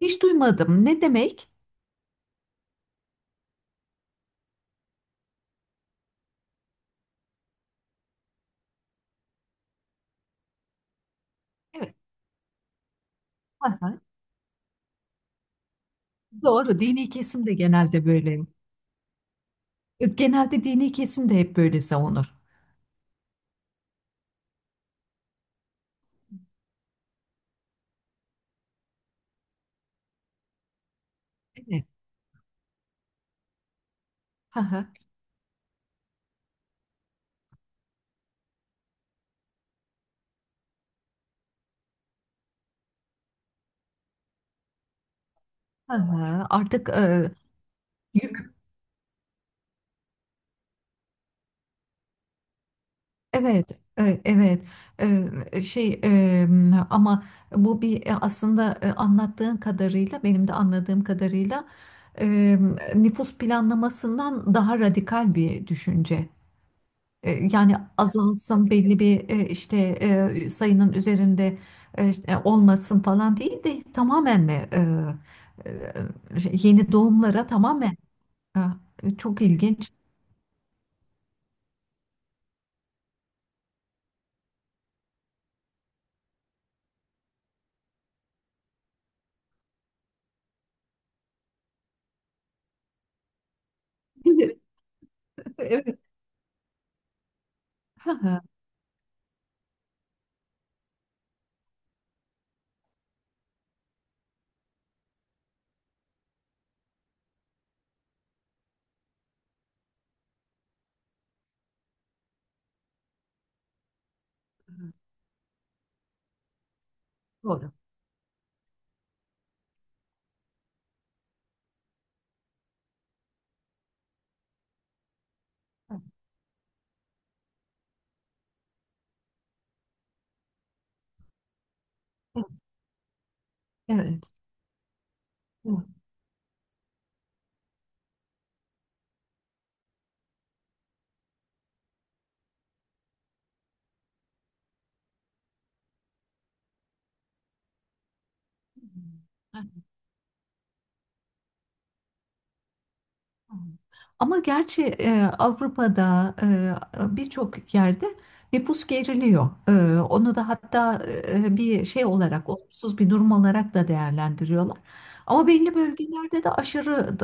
Hiç duymadım. Ne demek? Evet. Aha, doğru. Dini kesim de genelde böyle. Genelde dini kesim de hep böyle savunur. Evet. Aha, aha. Artık yük, evet, evet. E, e, şey e, ama bu bir aslında anlattığın kadarıyla, benim de anladığım kadarıyla e, nüfus planlamasından daha radikal bir düşünce. Yani azalsın belli bir işte sayının üzerinde işte, olmasın falan değil de tamamen mi yeni doğumlara tamamen. Ha, çok ilginç. Evet. Doğru. Evet. Evet. Ama gerçi Avrupa'da birçok yerde nüfus geriliyor. Onu da hatta bir şey olarak, olumsuz bir durum olarak da değerlendiriyorlar. Ama belli bölgelerde de aşırı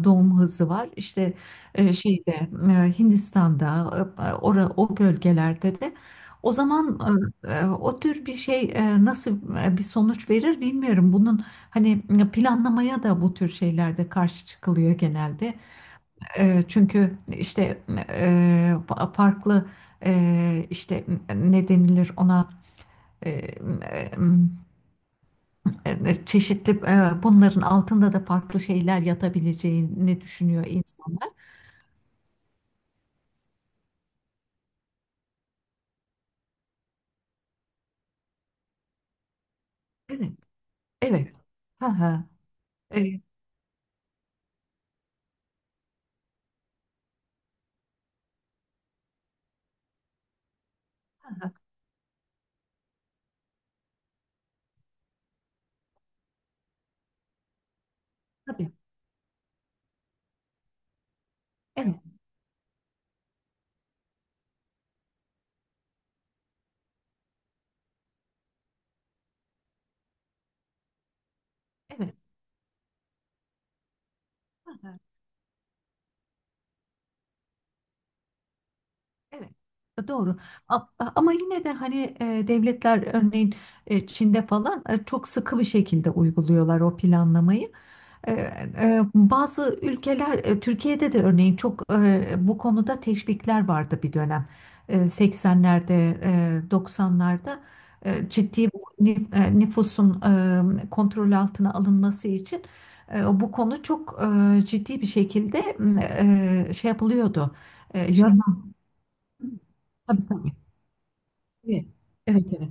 doğum hızı var. İşte şeyde Hindistan'da, o bölgelerde de. O zaman o tür bir şey nasıl bir sonuç verir bilmiyorum. Bunun hani planlamaya da bu tür şeylerde karşı çıkılıyor genelde. Çünkü işte farklı işte ne denilir ona e, çeşitli bunların altında da farklı şeyler yatabileceğini düşünüyor insanlar. Evet, evet. Ha ha. E, tabii. Evet, evet. Evet, doğru. A- Ama yine de hani devletler örneğin Çin'de falan çok sıkı bir şekilde uyguluyorlar o planlamayı. Bazı ülkeler Türkiye'de de örneğin çok bu konuda teşvikler vardı bir dönem. 80'lerde, 90'larda ciddi bir nüfusun kontrol altına alınması için bu konu çok ciddi bir şekilde şey yapılıyordu. E, yön- Tabii tabii. Evet, evet, evet.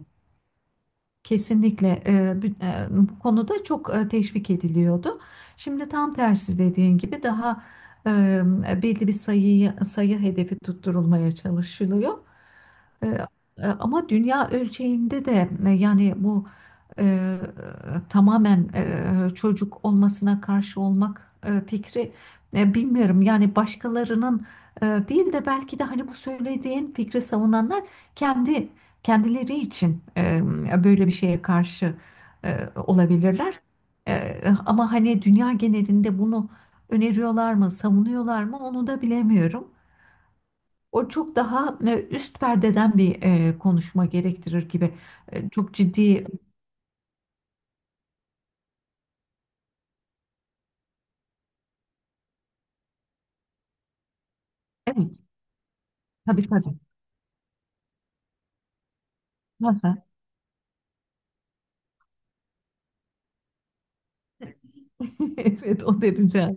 Kesinlikle bu konuda çok teşvik ediliyordu. Şimdi tam tersi dediğin gibi daha belli bir sayıyı sayı hedefi tutturulmaya çalışılıyor. E, Ama dünya ölçeğinde de yani bu e, tamamen çocuk olmasına karşı olmak fikri bilmiyorum. Yani başkalarının değil de belki de hani bu söylediğin fikri savunanlar kendi kendileri için böyle bir şeye karşı e, olabilirler. E, ama hani dünya genelinde bunu öneriyorlar mı, savunuyorlar mı onu da bilemiyorum. O çok daha üst perdeden bir konuşma gerektirir gibi. Çok ciddi. Evet, tabii tabii. Hı hı. Evet, o derece.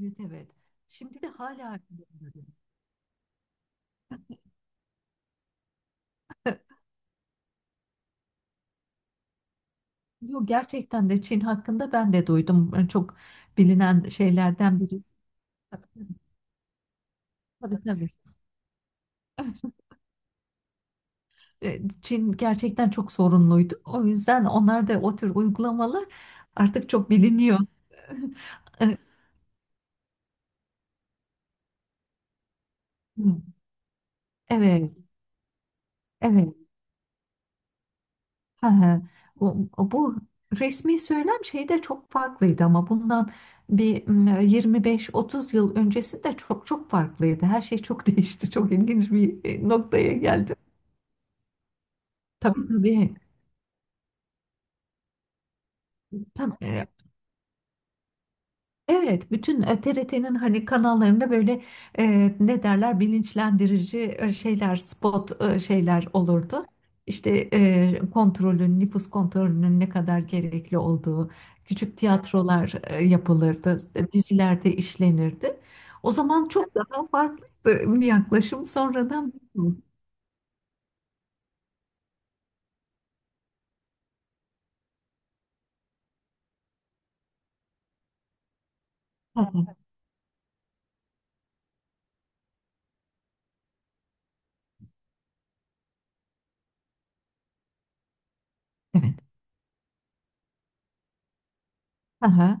Evet, evet. Şimdi de hala. Yok, gerçekten de Çin hakkında ben de duydum. Çok bilinen şeylerden biri. Tabii tabii. Çin gerçekten çok sorunluydu. O yüzden onlar da o tür uygulamalar artık çok biliniyor. E, Evet, evet. Hı hı. O, bu resmi söylem şeyi de çok farklıydı ama bundan bir 25-30 yıl öncesi de çok çok farklıydı. Her şey çok değişti. Çok ilginç bir noktaya geldim. Tabii tabii. Tam, e, Evet, bütün T. R. T.'nin hani kanallarında böyle ne derler bilinçlendirici şeyler, spot şeyler olurdu. İşte nüfus kontrolünün ne kadar gerekli olduğu, küçük tiyatrolar yapılırdı, dizilerde işlenirdi. O zaman çok daha farklı bir yaklaşım sonradan. Evet. Hı hı, evet. Aha,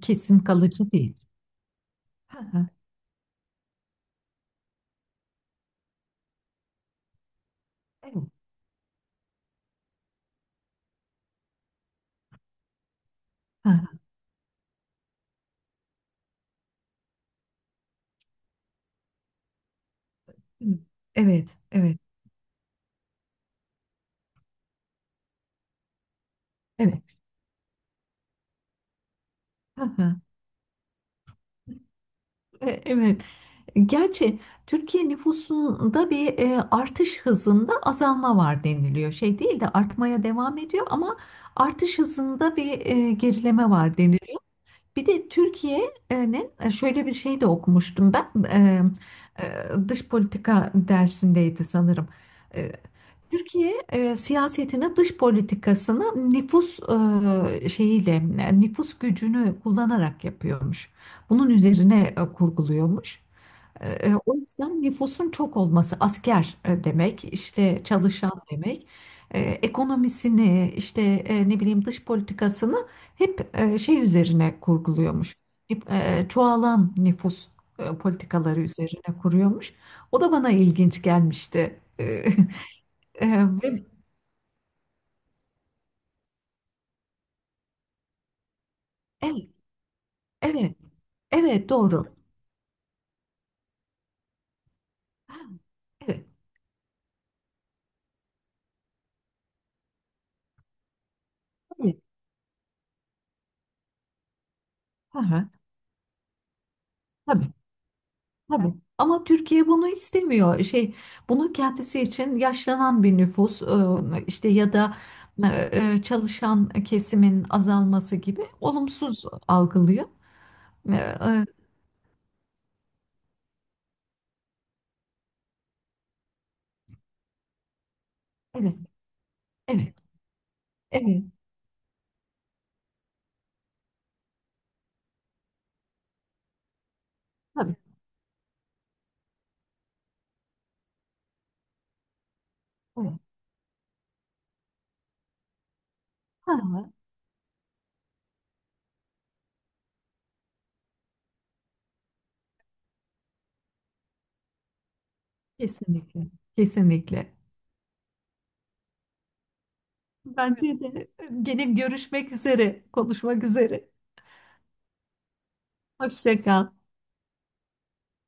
kesin kalıcı değil. Aha, evet. Aha, evet. Evet. Evet. Evet. Aha, evet. Gerçi Türkiye nüfusunda bir artış hızında azalma var deniliyor. Şey değil de artmaya devam ediyor ama artış hızında bir gerileme var deniliyor. Bir de Türkiye'nin şöyle bir şey de okumuştum ben, dış politika dersindeydi sanırım. E, Türkiye siyasetini, dış politikasını nüfus şeyiyle, nüfus gücünü kullanarak yapıyormuş. Bunun üzerine kurguluyormuş. O yüzden nüfusun çok olması asker demek, işte çalışan demek, ekonomisini, işte ne bileyim dış politikasını hep şey üzerine kurguluyormuş. Hep, çoğalan nüfus politikaları üzerine kuruyormuş. O da bana ilginç gelmişti. E, e, ve- evet, evet, evet doğru. Evet, evet. Hı hı, tabii. Tabii. Ama Türkiye bunu istemiyor. Şey, bunu kendisi için yaşlanan bir nüfus işte ya da çalışan kesimin azalması gibi olumsuz algılıyor. E, e, Evet, evet, evet. Tabii. Evet. Ha, kesinlikle. Kesinlikle. Bence de gene görüşmek üzere, konuşmak üzere. Hoşça kal.